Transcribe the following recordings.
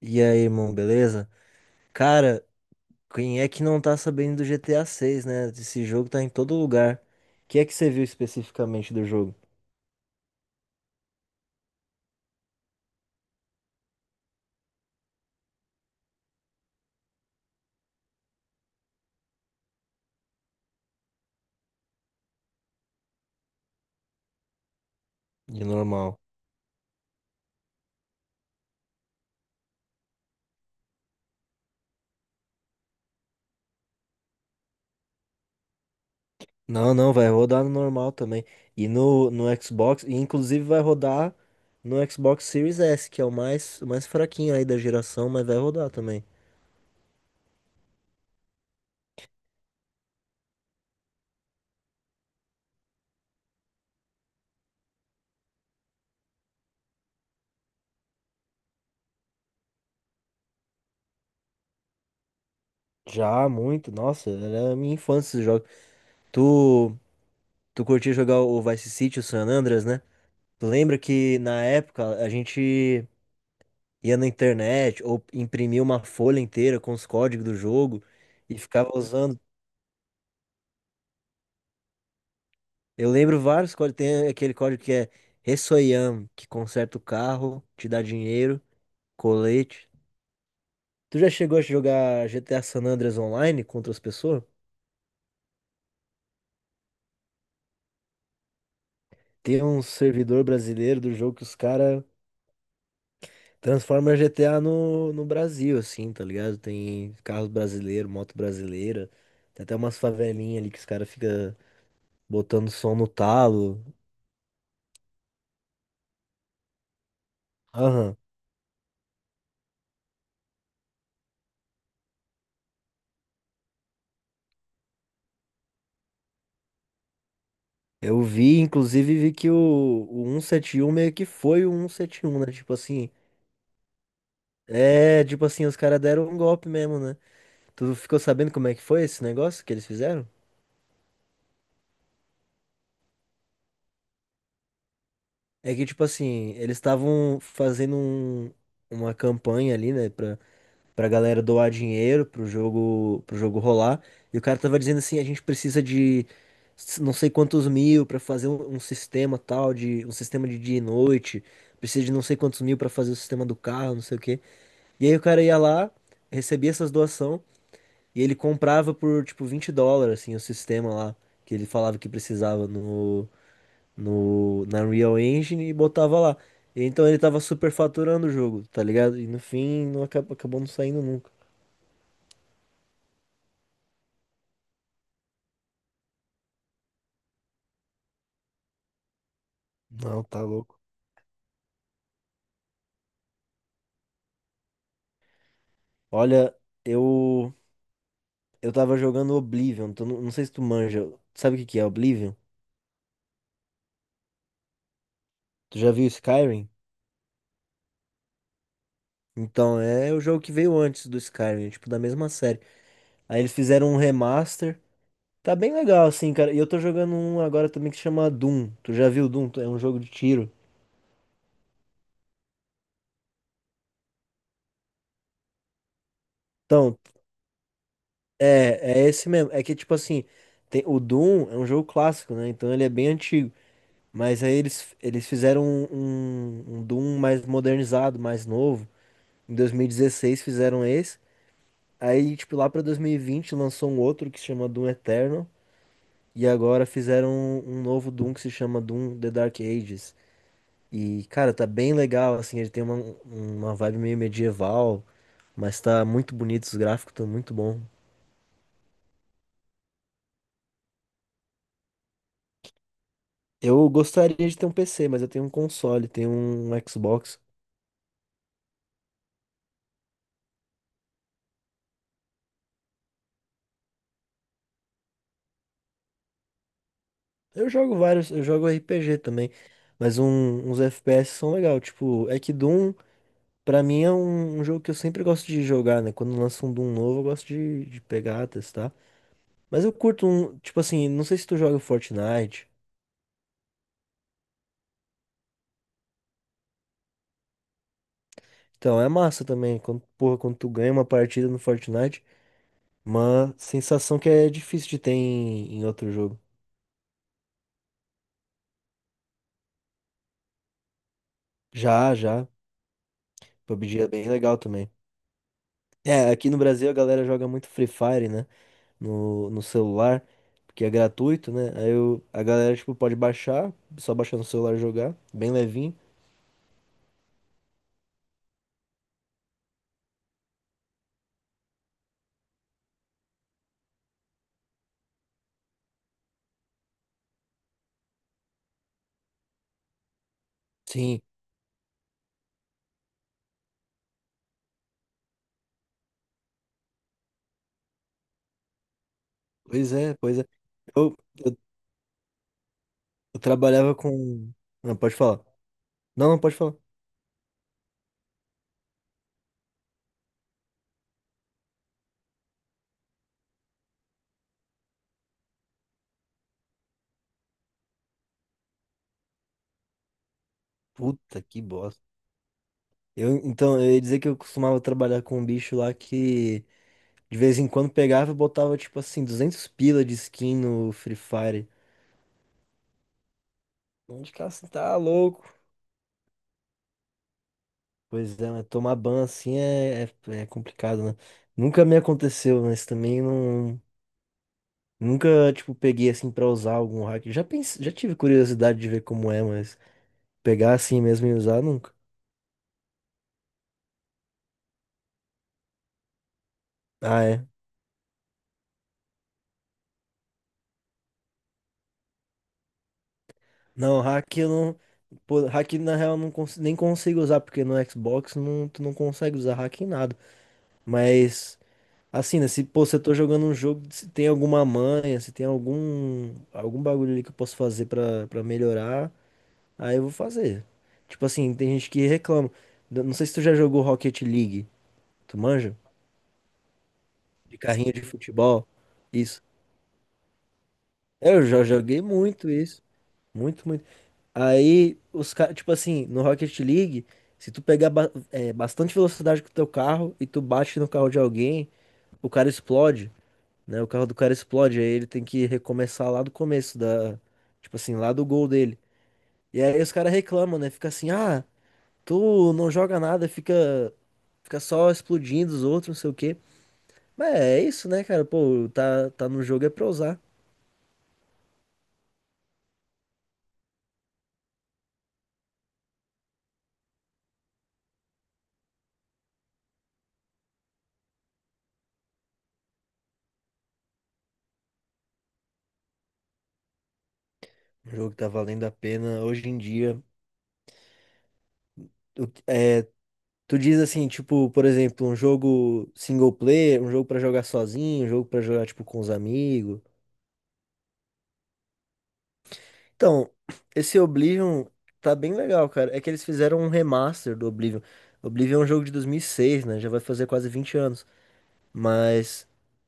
E aí, irmão, beleza? Cara, quem é que não tá sabendo do GTA 6, né? Esse jogo tá em todo lugar. O que é que você viu especificamente do jogo? De normal. Não, não, vai rodar no normal também. E no Xbox, e inclusive vai rodar no Xbox Series S, que é o mais fraquinho aí da geração, mas vai rodar também. Já, muito, nossa, era a minha infância esse jogo. Tu, tu curtia jogar o Vice City, o San Andreas, né? Tu lembra que na época a gente ia na internet ou imprimia uma folha inteira com os códigos do jogo e ficava usando. Eu lembro vários códigos, tem aquele código que é Ressoyam, que conserta o carro, te dá dinheiro, colete. Tu já chegou a jogar GTA San Andreas online contra as pessoas? Tem um servidor brasileiro do jogo que os caras transformam GTA no Brasil, assim, tá ligado? Tem carros brasileiros, moto brasileira, tem até umas favelinhas ali que os caras ficam botando som no talo. Aham. Eu vi, inclusive, vi que o 171 meio que foi o 171, né? Tipo assim, é, tipo assim, os caras deram um golpe mesmo, né? Tu ficou sabendo como é que foi esse negócio que eles fizeram? É que, tipo assim, eles estavam fazendo uma campanha ali, né, pra galera doar dinheiro pro jogo rolar. E o cara tava dizendo assim, a gente precisa de não sei quantos mil pra fazer um sistema tal, de um sistema de dia e noite. Precisa de não sei quantos mil pra fazer o sistema do carro, não sei o quê. E aí o cara ia lá, recebia essas doação e ele comprava por tipo US$ 20, assim, o sistema lá que ele falava que precisava no, no na Unreal Engine e botava lá. E então ele tava superfaturando o jogo, tá ligado? E no fim não acabou, acabou não saindo nunca. Não, tá louco. Olha, eu eu tava jogando Oblivion, tu não, não sei se tu manja. Sabe o que que é Oblivion? Tu já viu Skyrim? Então, é o jogo que veio antes do Skyrim, tipo da mesma série. Aí eles fizeram um remaster. Tá bem legal, assim, cara. E eu tô jogando um agora também que se chama Doom. Tu já viu Doom? É um jogo de tiro. Então, é esse mesmo. É que, tipo assim, o Doom é um jogo clássico, né? Então ele é bem antigo. Mas aí eles fizeram um Doom mais modernizado, mais novo. Em 2016 fizeram esse. Aí, tipo, lá pra 2020 lançou um outro que se chama Doom Eternal. E agora fizeram um novo Doom que se chama Doom The Dark Ages. E, cara, tá bem legal, assim, ele tem uma vibe meio medieval, mas tá muito bonito, os gráficos estão muito bom. Eu gostaria de ter um PC, mas eu tenho um console, tenho um Xbox. Eu jogo vários, eu jogo RPG também, mas uns FPS são legal, tipo, é que Doom, pra mim é um jogo que eu sempre gosto de jogar, né? Quando lança um Doom novo, eu gosto de pegar, testar. Mas eu curto um, tipo assim, não sei se tu joga Fortnite. Então, é massa também, quando, porra, quando tu ganha uma partida no Fortnite, uma sensação que é difícil de ter em outro jogo. Já, já. PUBG é bem legal também. É, aqui no Brasil a galera joga muito Free Fire, né? No celular, porque é gratuito, né? Aí eu, a galera, tipo, pode baixar, só baixar no celular e jogar, bem levinho. Sim, pois é, pois é. Eu, eu, eu trabalhava com. Não, pode falar. Não, não pode falar. Puta que bosta. Então, eu ia dizer que eu costumava trabalhar com um bicho lá que. De vez em quando pegava e botava, tipo assim, 200 pila de skin no Free Fire. Onde cara, você tá louco? Pois é, mas tomar ban assim é complicado, né? Nunca me aconteceu, mas também não. Nunca, tipo, peguei assim pra usar algum hack. Já pensei, já tive curiosidade de ver como é, mas pegar assim mesmo e usar nunca. Ah, é. Não, hack eu não. Pô, hack na real eu não nem consigo usar, porque no Xbox não, tu não consegue usar hack em nada. Mas assim, né? Se, pô, se eu tô jogando um jogo, se tem alguma manha, se tem algum bagulho ali que eu posso fazer pra melhorar, aí eu vou fazer. Tipo assim, tem gente que reclama. Eu não sei se tu já jogou Rocket League. Tu manja? De carrinho de futebol. Isso. É, eu já joguei muito isso. Muito, muito. Aí, os caras, tipo assim, no Rocket League, se tu pegar bastante velocidade com o teu carro e tu bate no carro de alguém, o cara explode, né? O carro do cara explode, aí ele tem que recomeçar lá do começo, da, tipo assim, lá do gol dele. E aí os caras reclamam, né? Fica assim, ah, tu não joga nada, fica, só explodindo os outros, não sei o quê. Mas é isso, né, cara? Pô, tá, tá no jogo é pra usar. O jogo tá valendo a pena hoje em dia. É, tu diz assim, tipo, por exemplo, um jogo single player, um jogo pra jogar sozinho, um jogo pra jogar, tipo, com os amigos. Então, esse Oblivion tá bem legal, cara. É que eles fizeram um remaster do Oblivion. Oblivion é um jogo de 2006, né? Já vai fazer quase 20 anos. Mas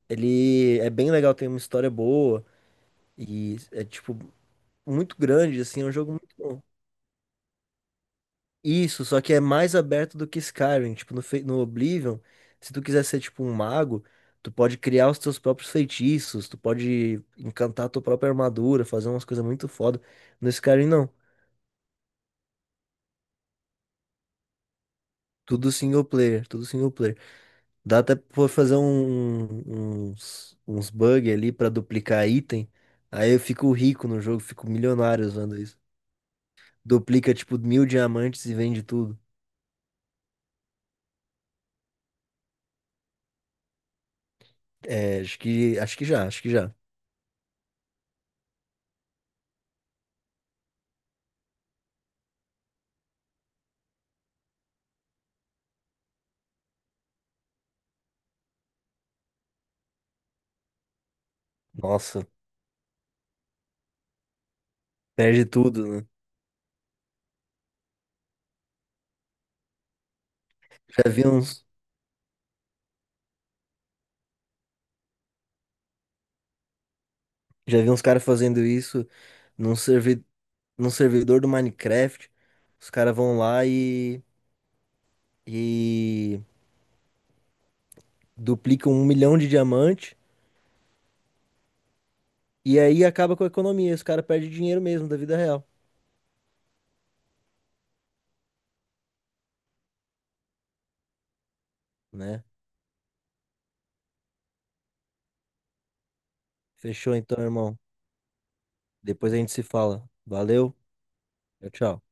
ele é bem legal, tem uma história boa e é tipo muito grande, assim, é um jogo muito bom. Isso, só que é mais aberto do que Skyrim. Tipo, no Oblivion, se tu quiser ser tipo um mago, tu pode criar os teus próprios feitiços, tu pode encantar a tua própria armadura, fazer umas coisas muito foda. No Skyrim, não. Tudo single player, tudo single player. Dá até pra fazer uns bug ali pra duplicar item. Aí eu fico rico no jogo, fico milionário usando isso. Duplica tipo 1.000 diamantes e vende tudo. É, acho que já. Nossa, perde tudo, né? Já vi uns, já vi uns caras fazendo isso num, servi num servidor do Minecraft. Os caras vão lá e duplicam 1 milhão de diamante. E aí acaba com a economia. Os caras perdem dinheiro mesmo da vida real, né? Fechou então, irmão. Depois a gente se fala. Valeu. Tchau, tchau.